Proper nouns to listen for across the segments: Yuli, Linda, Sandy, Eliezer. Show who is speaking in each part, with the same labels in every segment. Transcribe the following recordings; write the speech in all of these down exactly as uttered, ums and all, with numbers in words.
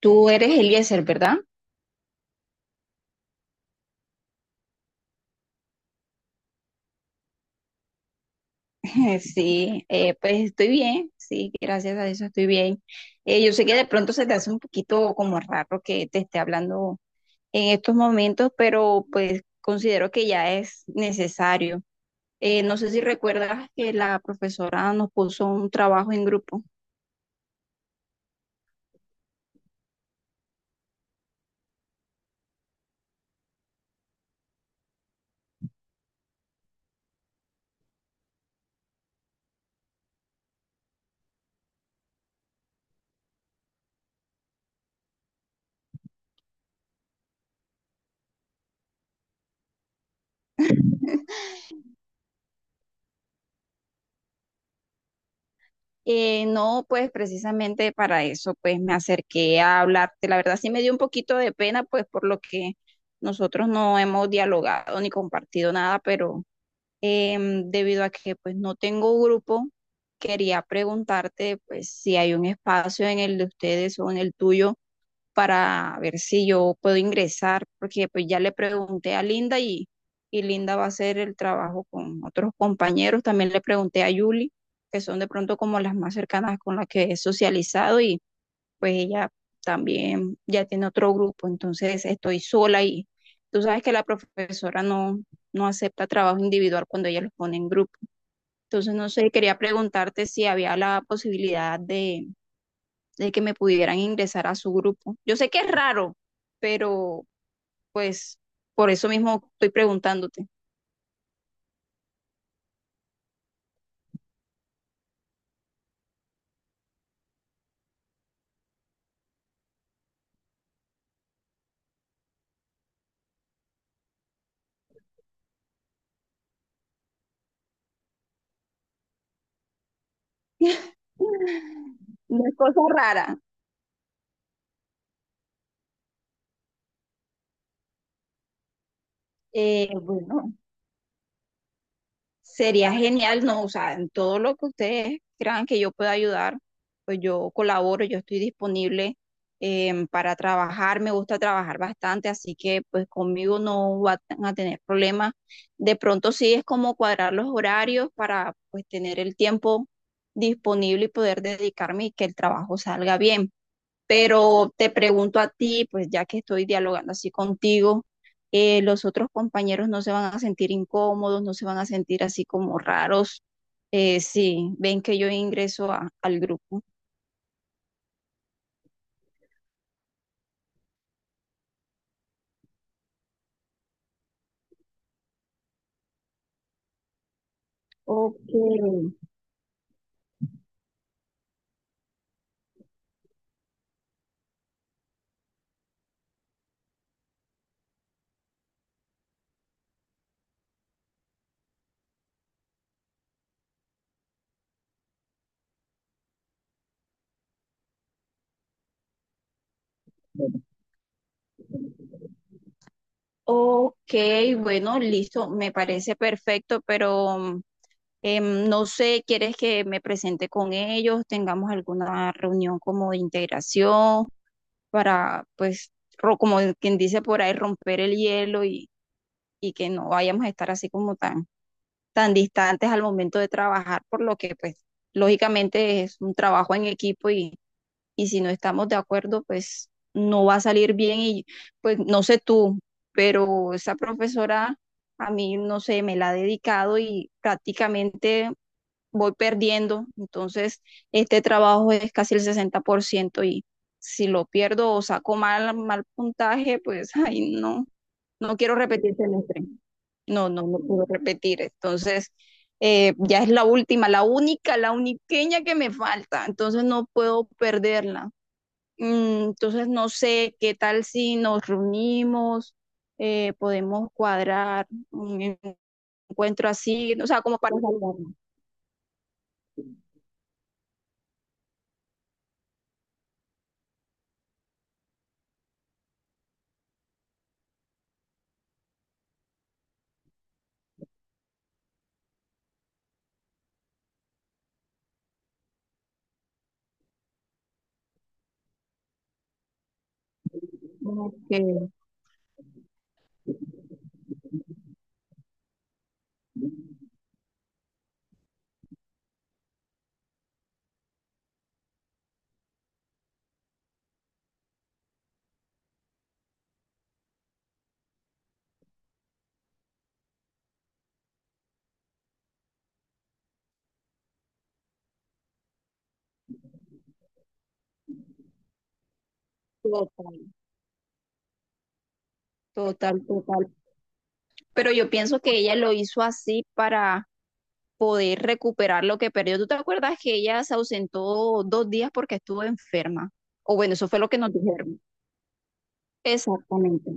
Speaker 1: Tú eres Eliezer, ¿verdad? Sí, eh, pues estoy bien, sí, gracias a eso estoy bien. Eh, yo sé que de pronto se te hace un poquito como raro que te esté hablando en estos momentos, pero pues considero que ya es necesario. Eh, no sé si recuerdas que la profesora nos puso un trabajo en grupo. Eh, no, pues precisamente para eso, pues me acerqué a hablarte. La verdad sí me dio un poquito de pena, pues por lo que nosotros no hemos dialogado ni compartido nada, pero Em, debido a que pues no tengo grupo, quería preguntarte pues si hay un espacio en el de ustedes o en el tuyo para ver si yo puedo ingresar, porque pues ya le pregunté a Linda y, y Linda va a hacer el trabajo con otros compañeros. También le pregunté a Yuli, que son de pronto como las más cercanas con las que he socializado, pues ella también ya tiene otro grupo. Entonces estoy sola y tú sabes que la profesora no, no acepta trabajo individual cuando ella los pone en grupo. Entonces, no sé, quería preguntarte si había la posibilidad de, de que me pudieran ingresar a su grupo. Yo sé que es raro, pero pues por eso mismo estoy preguntándote. No es cosa rara. Eh, bueno, Sería genial, no, o sea, en todo lo que ustedes crean que yo pueda ayudar, pues yo colaboro, yo estoy disponible, em, para trabajar, me gusta trabajar bastante, así que pues conmigo no van a tener problemas. De pronto sí es como cuadrar los horarios para pues tener el tiempo disponible y poder dedicarme y que el trabajo salga bien. Pero te pregunto a ti, pues ya que estoy dialogando así contigo, eh, los otros compañeros no se van a sentir incómodos, no se van a sentir así como raros, eh, si ven que yo ingreso a- al grupo. Ok, ok, bueno, listo, me parece perfecto, pero mm, em, no sé, ¿quieres que me presente con ellos? ¿Tengamos alguna reunión como de integración? para, pues, ro- como quien dice por ahí, romper el hielo y, y, que no vayamos a estar así como tan, tan distantes al momento de trabajar, por lo que, pues, lógicamente es un trabajo en equipo y, y si no estamos de acuerdo, pues, no va a salir bien y, pues, no sé tú, pero esa profesora a mí, no sé, me la ha dedicado y prácticamente voy perdiendo. Entonces, este trabajo es casi el sesenta por ciento y si lo pierdo o saco mal, mal puntaje, pues, ay, no, no quiero repetir semestre. No, no, no puedo repetir. Entonces, eh, ya es la última, la única, la uniqueña que me falta. Entonces, no puedo perderla. Mm, Entonces, no sé qué tal si nos reunimos, eh, podemos cuadrar un encuentro así, o sea, como para saludarnos. Ok. Total, total, total. Pero yo pienso que ella lo hizo así para poder recuperar lo que perdió. ¿Tú te acuerdas que ella se ausentó dos días porque estuvo enferma? O bueno, eso fue lo que nos dijeron. Exactamente.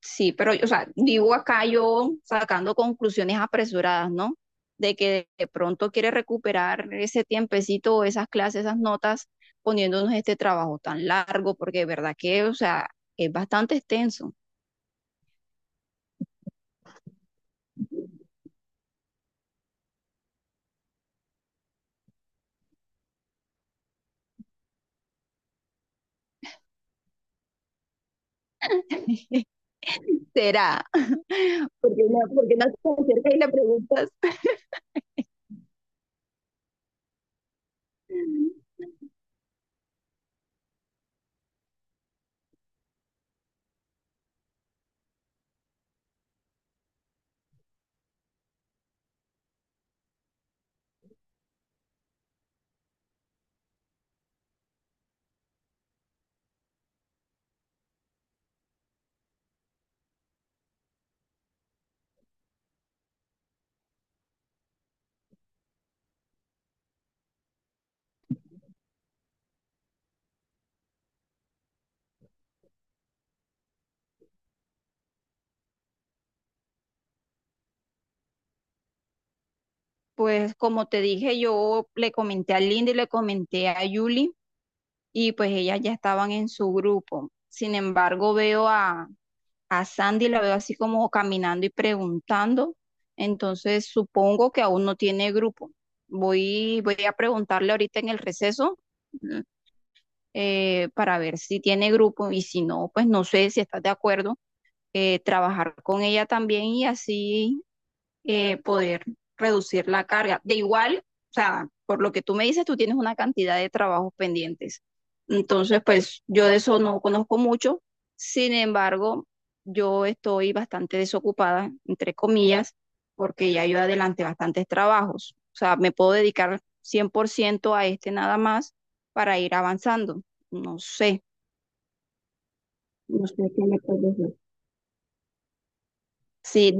Speaker 1: Sí, pero, o sea, digo acá yo sacando conclusiones apresuradas, ¿no? De que de pronto quiere recuperar ese tiempecito, esas clases, esas notas, poniéndonos este trabajo tan largo, porque de verdad que, o sea, es bastante extenso. ¿Será? porque no, porque no te acercas y le preguntas. Pues como te dije, yo le comenté a Linda y le comenté a Yuli y pues ellas ya estaban en su grupo. Sin embargo, veo a, a Sandy, la veo así como caminando y preguntando. Entonces supongo que aún no tiene grupo. Voy, voy a preguntarle ahorita en el receso, eh, para ver si tiene grupo y si no, pues no sé si estás de acuerdo, eh, trabajar con ella también y así eh, poder reducir la carga. De igual, o sea, por lo que tú me dices, tú tienes una cantidad de trabajos pendientes. Entonces, pues yo de eso no conozco mucho. Sin embargo, yo estoy bastante desocupada, entre comillas, porque ya yo adelante bastantes trabajos. O sea, me puedo dedicar cien por ciento a este nada más para ir avanzando. No sé, no sé qué me puedes decir. Sí,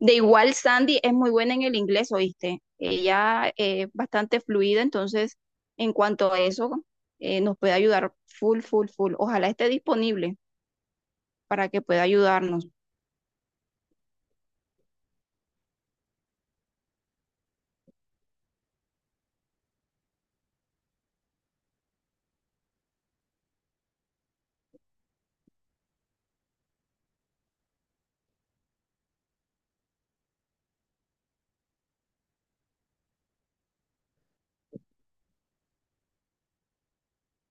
Speaker 1: De igual, Sandy es muy buena en el inglés, ¿oíste? Ella eh, es bastante fluida, entonces, en cuanto a eso, eh, nos puede ayudar full, full, full. Ojalá esté disponible para que pueda ayudarnos.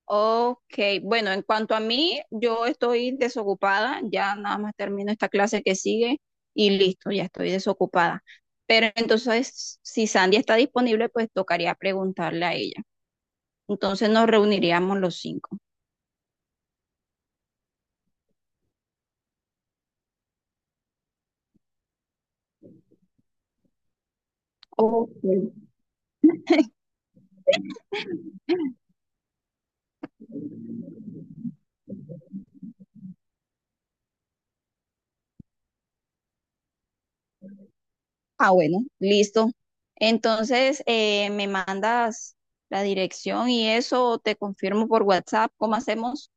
Speaker 1: Ok, bueno, en cuanto a mí, yo estoy desocupada, ya nada más termino esta clase que sigue y listo, ya estoy desocupada. Pero entonces, si Sandy está disponible, pues tocaría preguntarle a ella. Entonces nos reuniríamos los cinco. Ok, Ah, bueno, listo. Entonces, eh, me mandas la dirección y eso, te confirmo por WhatsApp, ¿cómo hacemos?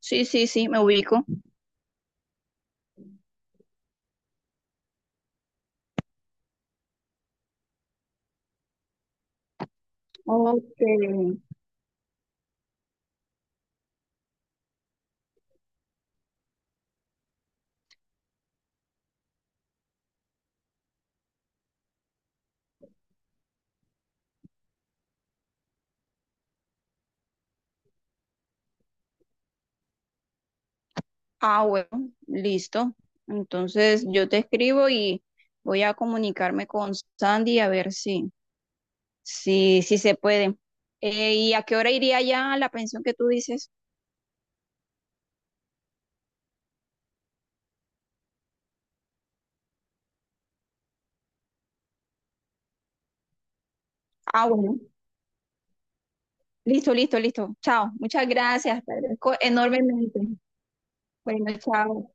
Speaker 1: Sí, sí, sí, me ubico. Ok. Ah, bueno, listo. Entonces, yo te escribo y voy a comunicarme con Sandy a ver si, si, si, se puede. Eh, ¿y a qué hora iría ya la pensión que tú dices? Ah, bueno, listo, listo, listo. Chao, muchas gracias, te agradezco enormemente. Bueno, chao.